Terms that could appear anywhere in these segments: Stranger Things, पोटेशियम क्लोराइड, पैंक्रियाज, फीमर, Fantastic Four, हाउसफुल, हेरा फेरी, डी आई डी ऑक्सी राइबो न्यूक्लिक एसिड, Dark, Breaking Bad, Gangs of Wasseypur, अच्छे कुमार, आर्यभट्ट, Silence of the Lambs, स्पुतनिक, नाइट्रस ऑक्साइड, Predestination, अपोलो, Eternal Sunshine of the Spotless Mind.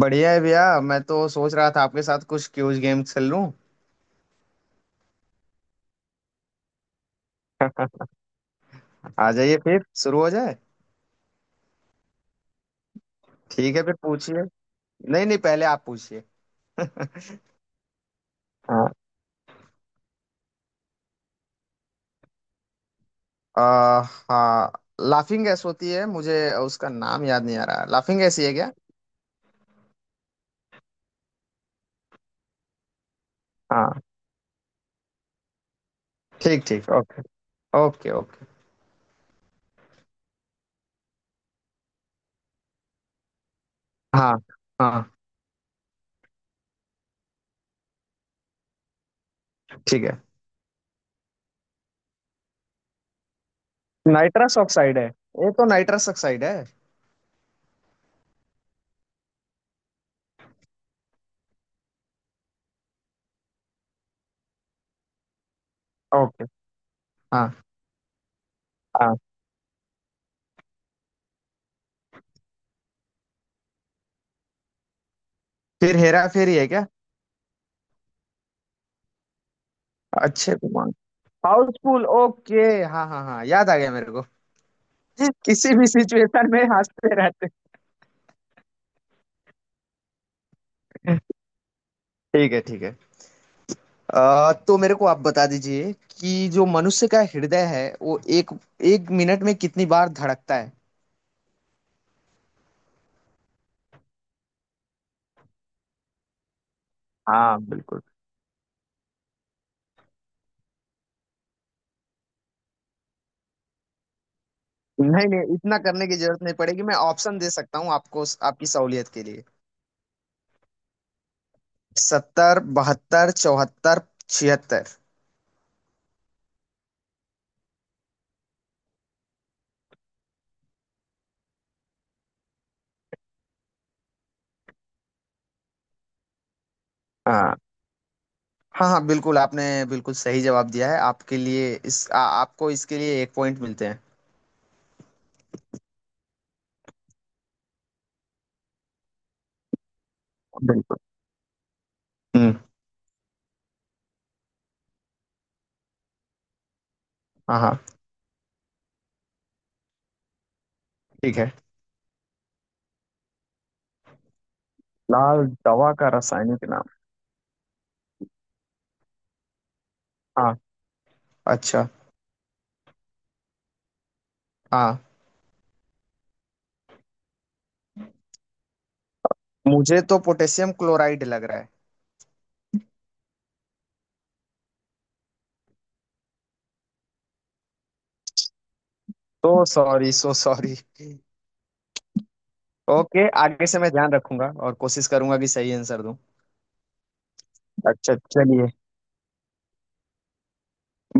बढ़िया है भैया। मैं तो सोच रहा था आपके साथ कुछ क्यूज गेम खेल लूं। आ जाइए फिर शुरू हो जाए। ठीक है फिर पूछिए। नहीं नहीं पहले आप पूछिए। हाँ। आ, हाँ। लाफिंग गैस होती है मुझे। उसका नाम याद नहीं आ रहा। लाफिंग गैस ही है क्या? हाँ। ठीक ठीक ओके। Okay okay. हाँ हाँ। ठीक है। नाइट्रस ऑक्साइड है। ये तो नाइट्रस ऑक्साइड है। ओके। हाँ हाँ। फिर हेरा फेरी है क्या? अच्छे कुमार। हाउसफुल ओके। हाँ हाँ हाँ याद आ गया मेरे को। जी, किसी भी सिचुएशन में हंसते रहते। ठीक है ठीक है। तो मेरे को आप बता दीजिए कि जो मनुष्य का हृदय है वो एक 1 मिनट में कितनी बार धड़कता है? हाँ बिल्कुल। नहीं नहीं इतना करने की जरूरत नहीं पड़ेगी। मैं ऑप्शन दे सकता हूँ आपको आपकी सहूलियत के लिए। 70 72 74 76। हाँ हाँ। हाँ बिल्कुल आपने बिल्कुल सही जवाब दिया है। आपके लिए आपको इसके लिए एक पॉइंट मिलते हैं। बिल्कुल। हम्म। हाँ हाँ। ठीक है। लाल दवा का रासायनिक नाम। हाँ। अच्छा। हाँ। मुझे तो पोटेशियम क्लोराइड लग रहा है। तो सॉरी, सो सॉरी। ओके आगे से मैं ध्यान रखूंगा और कोशिश करूंगा कि सही आंसर दूं। अच्छा चलिए।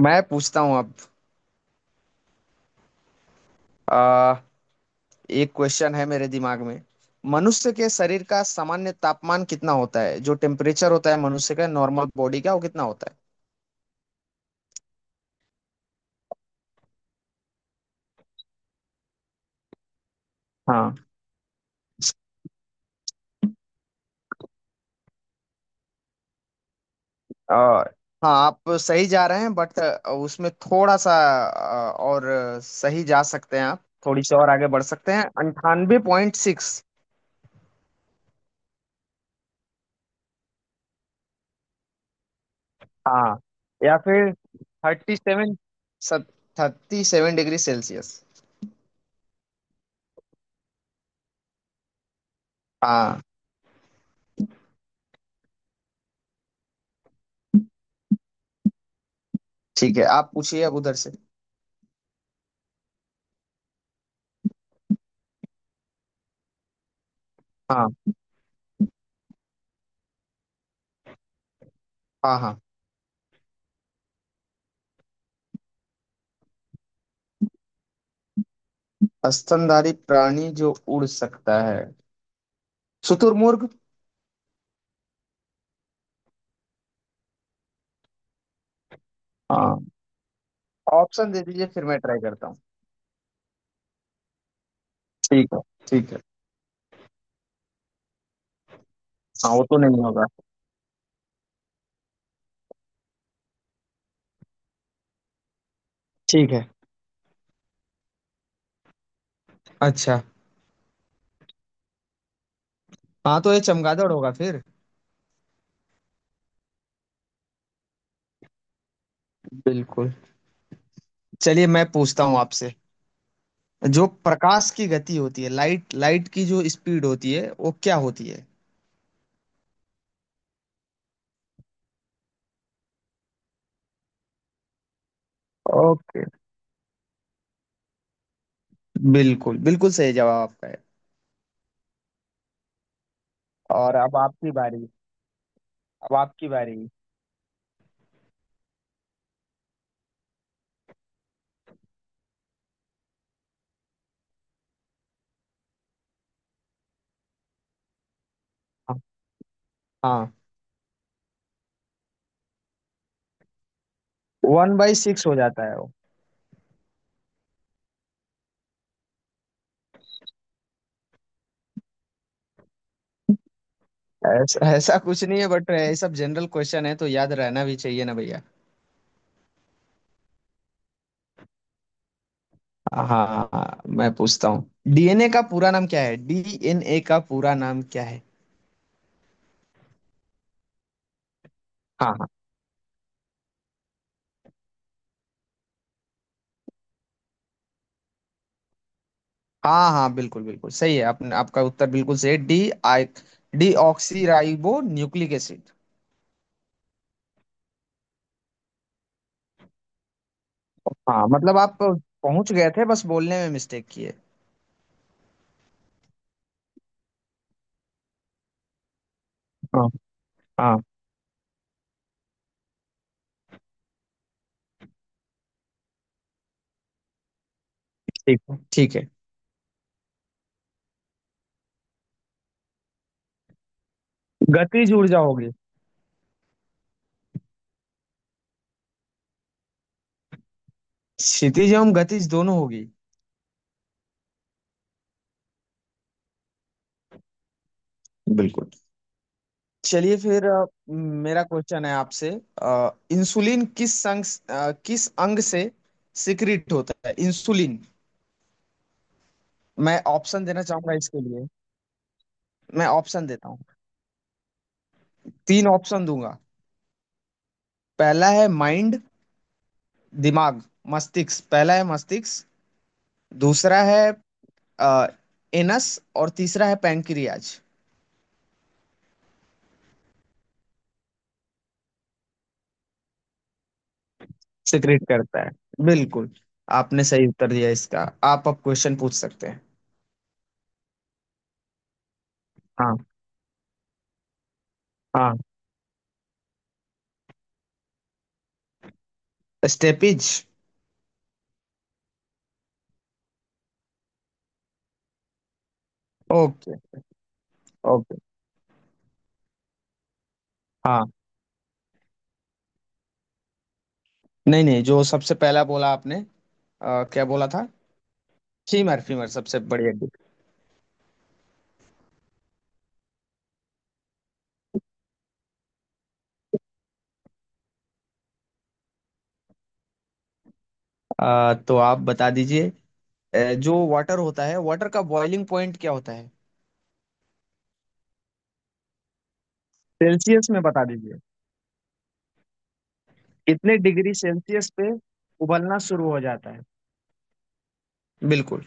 मैं पूछता हूं अब। आ, एक क्वेश्चन है मेरे दिमाग में। मनुष्य के शरीर का सामान्य तापमान कितना होता है? जो टेम्परेचर होता है मनुष्य का नॉर्मल बॉडी का वो कितना होता है? हाँ। आ, हाँ आप सही जा रहे हैं बट उसमें थोड़ा सा और सही जा सकते हैं। आप थोड़ी सी और आगे बढ़ सकते हैं 98.6। हाँ या फिर 37, 37 डिग्री सेल्सियस हाँ। ठीक है आप पूछिए अब उधर से। हाँ हाँ। हाँ। स्तनधारी प्राणी जो उड़ सकता है शुतुरमुर्ग। हाँ। ऑप्शन दे दीजिए फिर मैं ट्राई करता हूँ। ठीक है। ठीक है। हाँ वो तो नहीं होगा। ठीक है। अच्छा। हाँ तो ये चमगादड़ होगा फिर। बिल्कुल। चलिए मैं पूछता हूँ आपसे। जो प्रकाश की गति होती है, लाइट लाइट की जो स्पीड होती है वो क्या होती है? ओके। बिल्कुल बिल्कुल सही जवाब आपका है। और अब आपकी बारी। अब आपकी बारी। हाँ। 1/6 हो जाता है वो। ऐसा ऐसा कुछ नहीं है बट ये सब जनरल क्वेश्चन है तो याद रहना भी चाहिए ना भैया। हाँ हाँ। हाँ, मैं पूछता हूँ डीएनए का पूरा नाम क्या है? डीएनए का पूरा नाम क्या है? हाँ हाँ बिल्कुल बिल्कुल सही है आपने। आपका उत्तर बिल्कुल सही है। D oxy ribo nucleic acid. हाँ मतलब आप पहुंच गए थे बस बोलने में मिस्टेक की है। हाँ हाँ। ठीक है। ठीक है। गतिज ऊर्जा होगी। क्षितिज एवं गतिज दोनों होगी। बिल्कुल। चलिए फिर मेरा क्वेश्चन है आपसे। अ, इंसुलिन किस अंग अ, किस अंग से सिक्रिट होता है इंसुलिन? मैं ऑप्शन देना चाहूंगा इसके लिए। मैं ऑप्शन देता हूँ। तीन ऑप्शन दूंगा। पहला है माइंड दिमाग मस्तिष्क। पहला है मस्तिष्क। दूसरा है आ, एनस। और तीसरा है पैंक्रियाज। सिक्रेट करता है। बिल्कुल। आपने सही उत्तर दिया इसका। आप अब क्वेश्चन पूछ सकते हैं। हाँ हाँ। स्टेपिज। ओके। ओके। हाँ। नहीं नहीं जो सबसे पहला बोला आपने। क्या बोला था? फीमर। फीमर सबसे बड़ी हड्डी। तो आप बता दीजिए जो वाटर होता है वाटर का बॉइलिंग पॉइंट क्या होता है? सेल्सियस में बता दीजिए। कितने डिग्री सेल्सियस पे उबलना शुरू हो जाता है? बिल्कुल।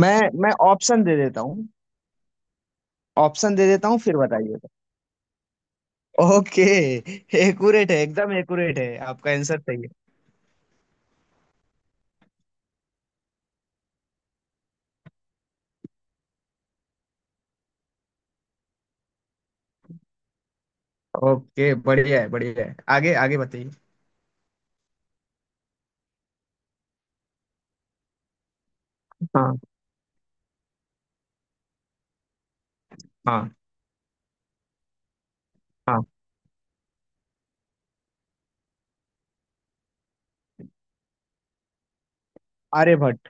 मैं ऑप्शन दे देता हूँ। ऑप्शन दे देता हूँ फिर बताइएगा। ओके। एक्यूरेट है एकदम एक्यूरेट है। आपका आंसर सही है। ओके बढ़िया है आगे आगे बताइए। हाँ हाँ हाँ। आर्यभट्ट।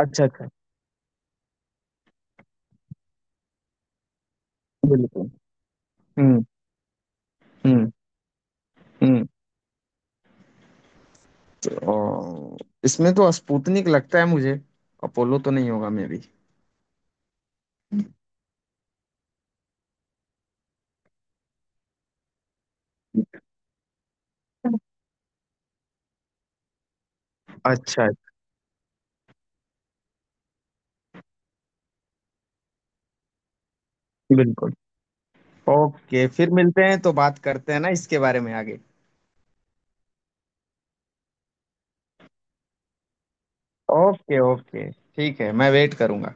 अच्छा अच्छा। बिल्कुल। हम्म हम्म हम्म। तो, इसमें तो स्पुतनिक लगता है मुझे। अपोलो तो नहीं होगा मे भी। अच्छा अच्छा। बिल्कुल। ओके फिर मिलते हैं तो बात करते हैं ना इसके बारे में आगे। ओके ओके ठीक है मैं वेट करूंगा।